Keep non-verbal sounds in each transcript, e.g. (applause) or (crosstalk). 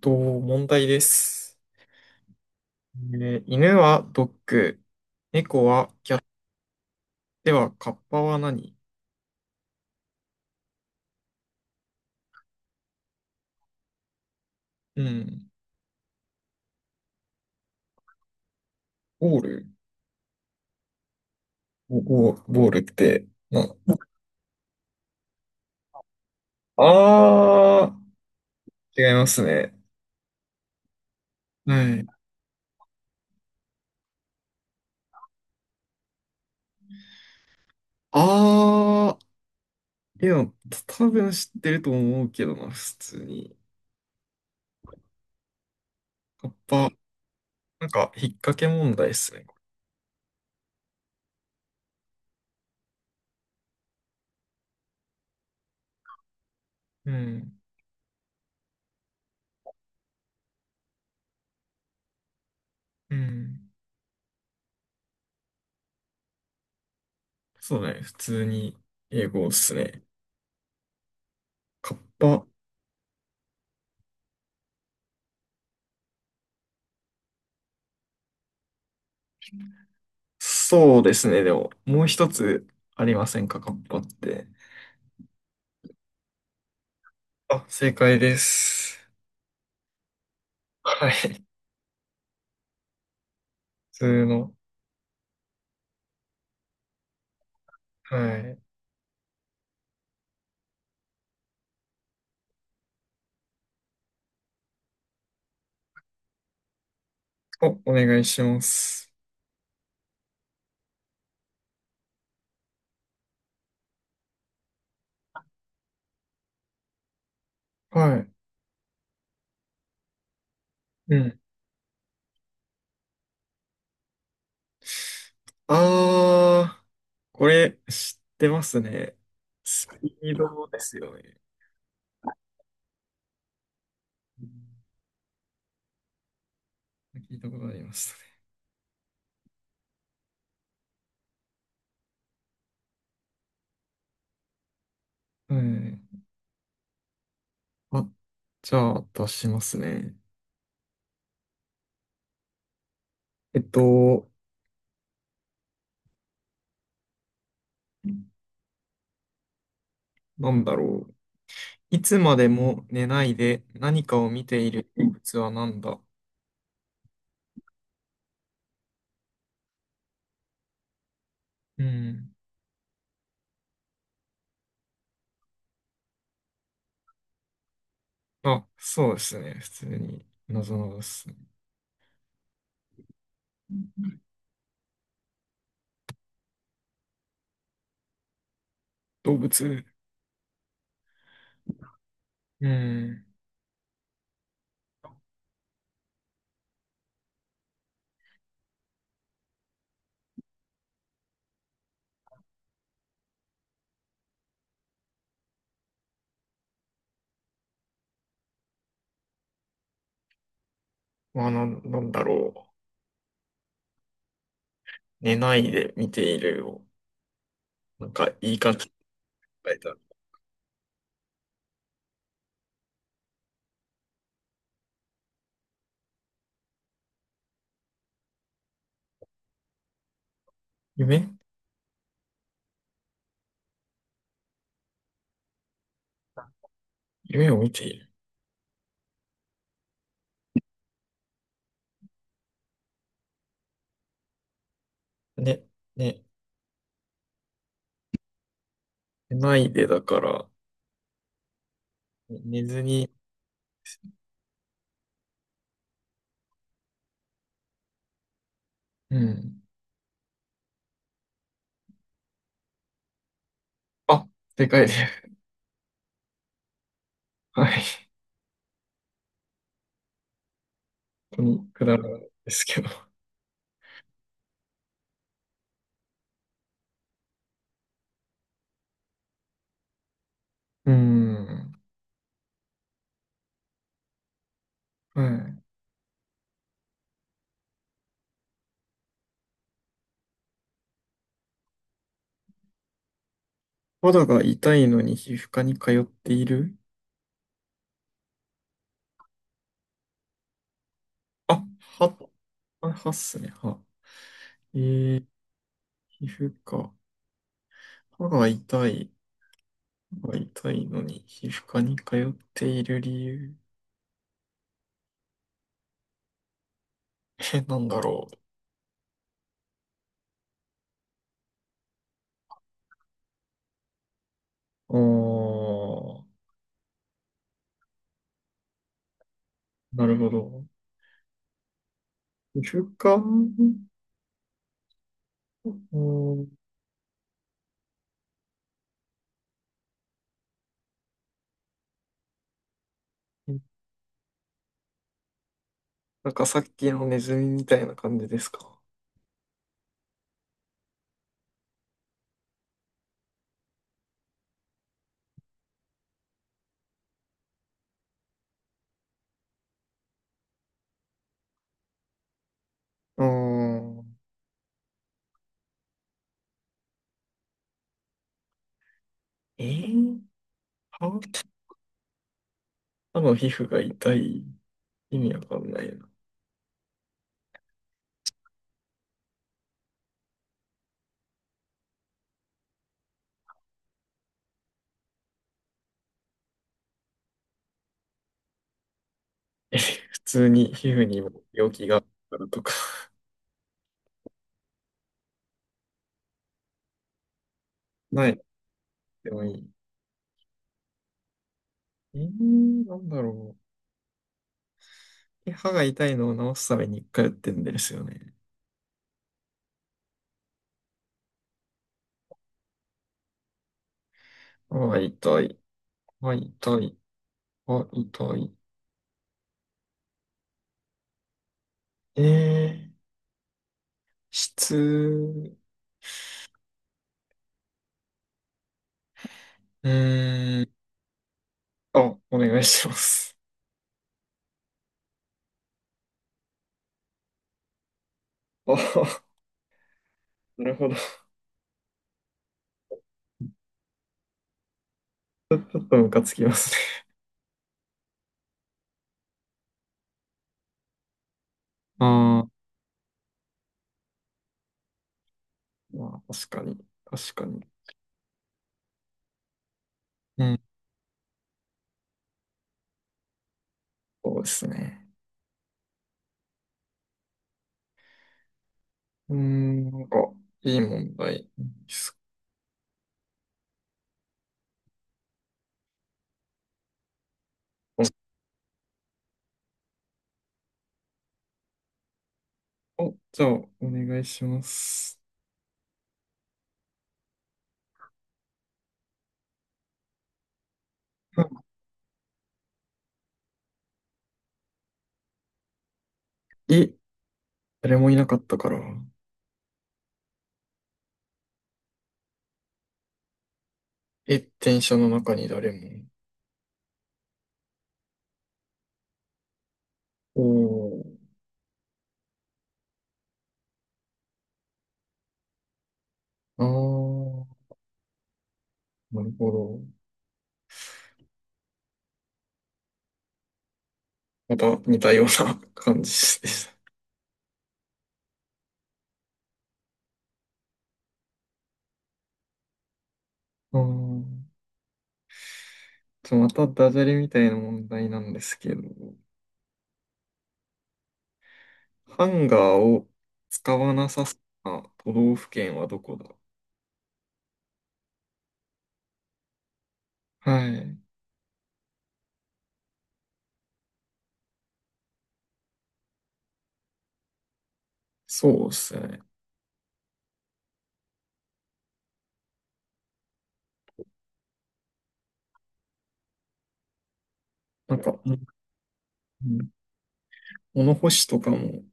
と、問題です。犬はドッグ、猫はキャット。ではカッパは何？うん。ボール。ボールって、あ違いますね。はい。あいや、多分知ってると思うけどな、普通に。カッパ、なんか、引っ掛け問題っすね。うん。うん。そうだね、普通に英語っすね。カッパ、そうですね。でも、もう一つありませんか、カッパって。あ、正解です。はい。普通の。はい。お願いします。はい。うん。あー、これ知ってますね。スピードですよね。うん。聞いたことありましたね。はい。あ、じゃあ出しますね。えっと、なんだろう。いつまでも寝ないで何かを見ている動物は何だ？うん。あ、そうですね。普通に、なぞなぞですね。動物。うん。まあ、なんだろう。寝ないで見ているを、なんか、いい感じに書いた。夢夢を見ている。ね、ね、寝ないでだから、ね寝ずに、うん。あ、でかいです。はい。本当にくだらないですけど。うん。はい。肌が痛いのに皮膚科に通っている。あ、は、あはっすね、は。えー、皮膚科。歯が痛い。歯が痛いのに皮膚科に通っている理由。え、なんだろう。なるほど。皮膚科。うん。なんかさっきのネズミみたいな感じですか。うん。えー、歯、歯の皮膚が痛い。意味わかんないな。(laughs) 普通に皮膚にも病気があるからとか、(laughs) ない。でもいい。なんだろう。歯が痛いのを治すために一回打ってんですよね。歯が痛い。歯痛い。歯痛い。えー、うーん。あ、お願いします。(laughs) あ、なるほど。ちょっとムカつきますね。あまあ、確かに。確かに。うん。そうですね。なんかいい問題です。お、じゃあ、お願いします。あ、え、誰もいなかったから。え、電車の中に誰も。おー、あー、なるほど。また似たような (laughs) 感じでした。あー、じゃあまたダジャレみたいな問題なんですけど、ハンガーを使わなさそうな都道府県はどこだ？はい。そうですね。なんか、うん、うん、物干しとかも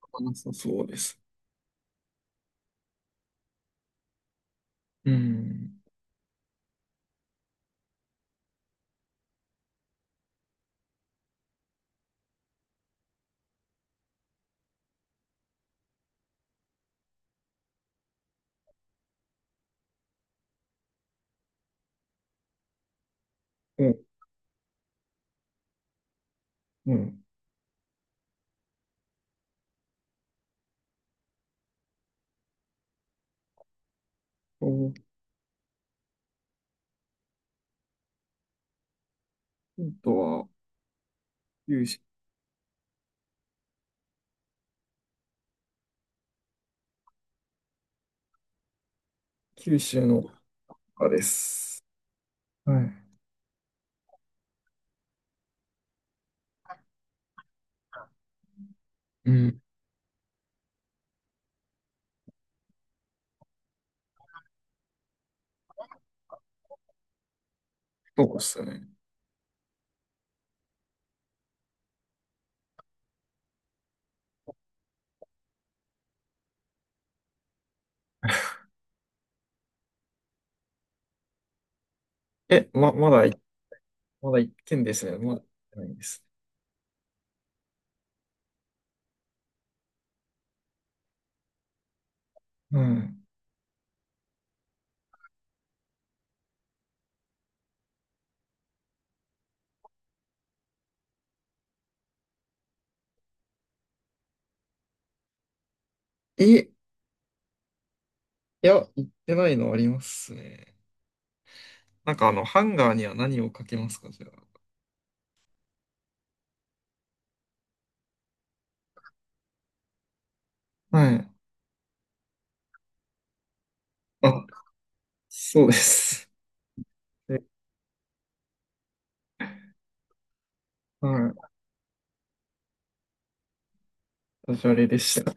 使わなさそうです。うん。お、うん。ヒントは九州、九州の中です。はい。うん、そうですね。(laughs) ま、まだい、まだ一件ですね。まだ行ってないです。はい。いや、行ってないのありますね。なんかハンガーには何をかけますか、じゃあ？はい。あ。あ、そうです。え、はい。ダジャレでした。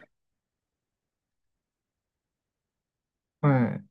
はい。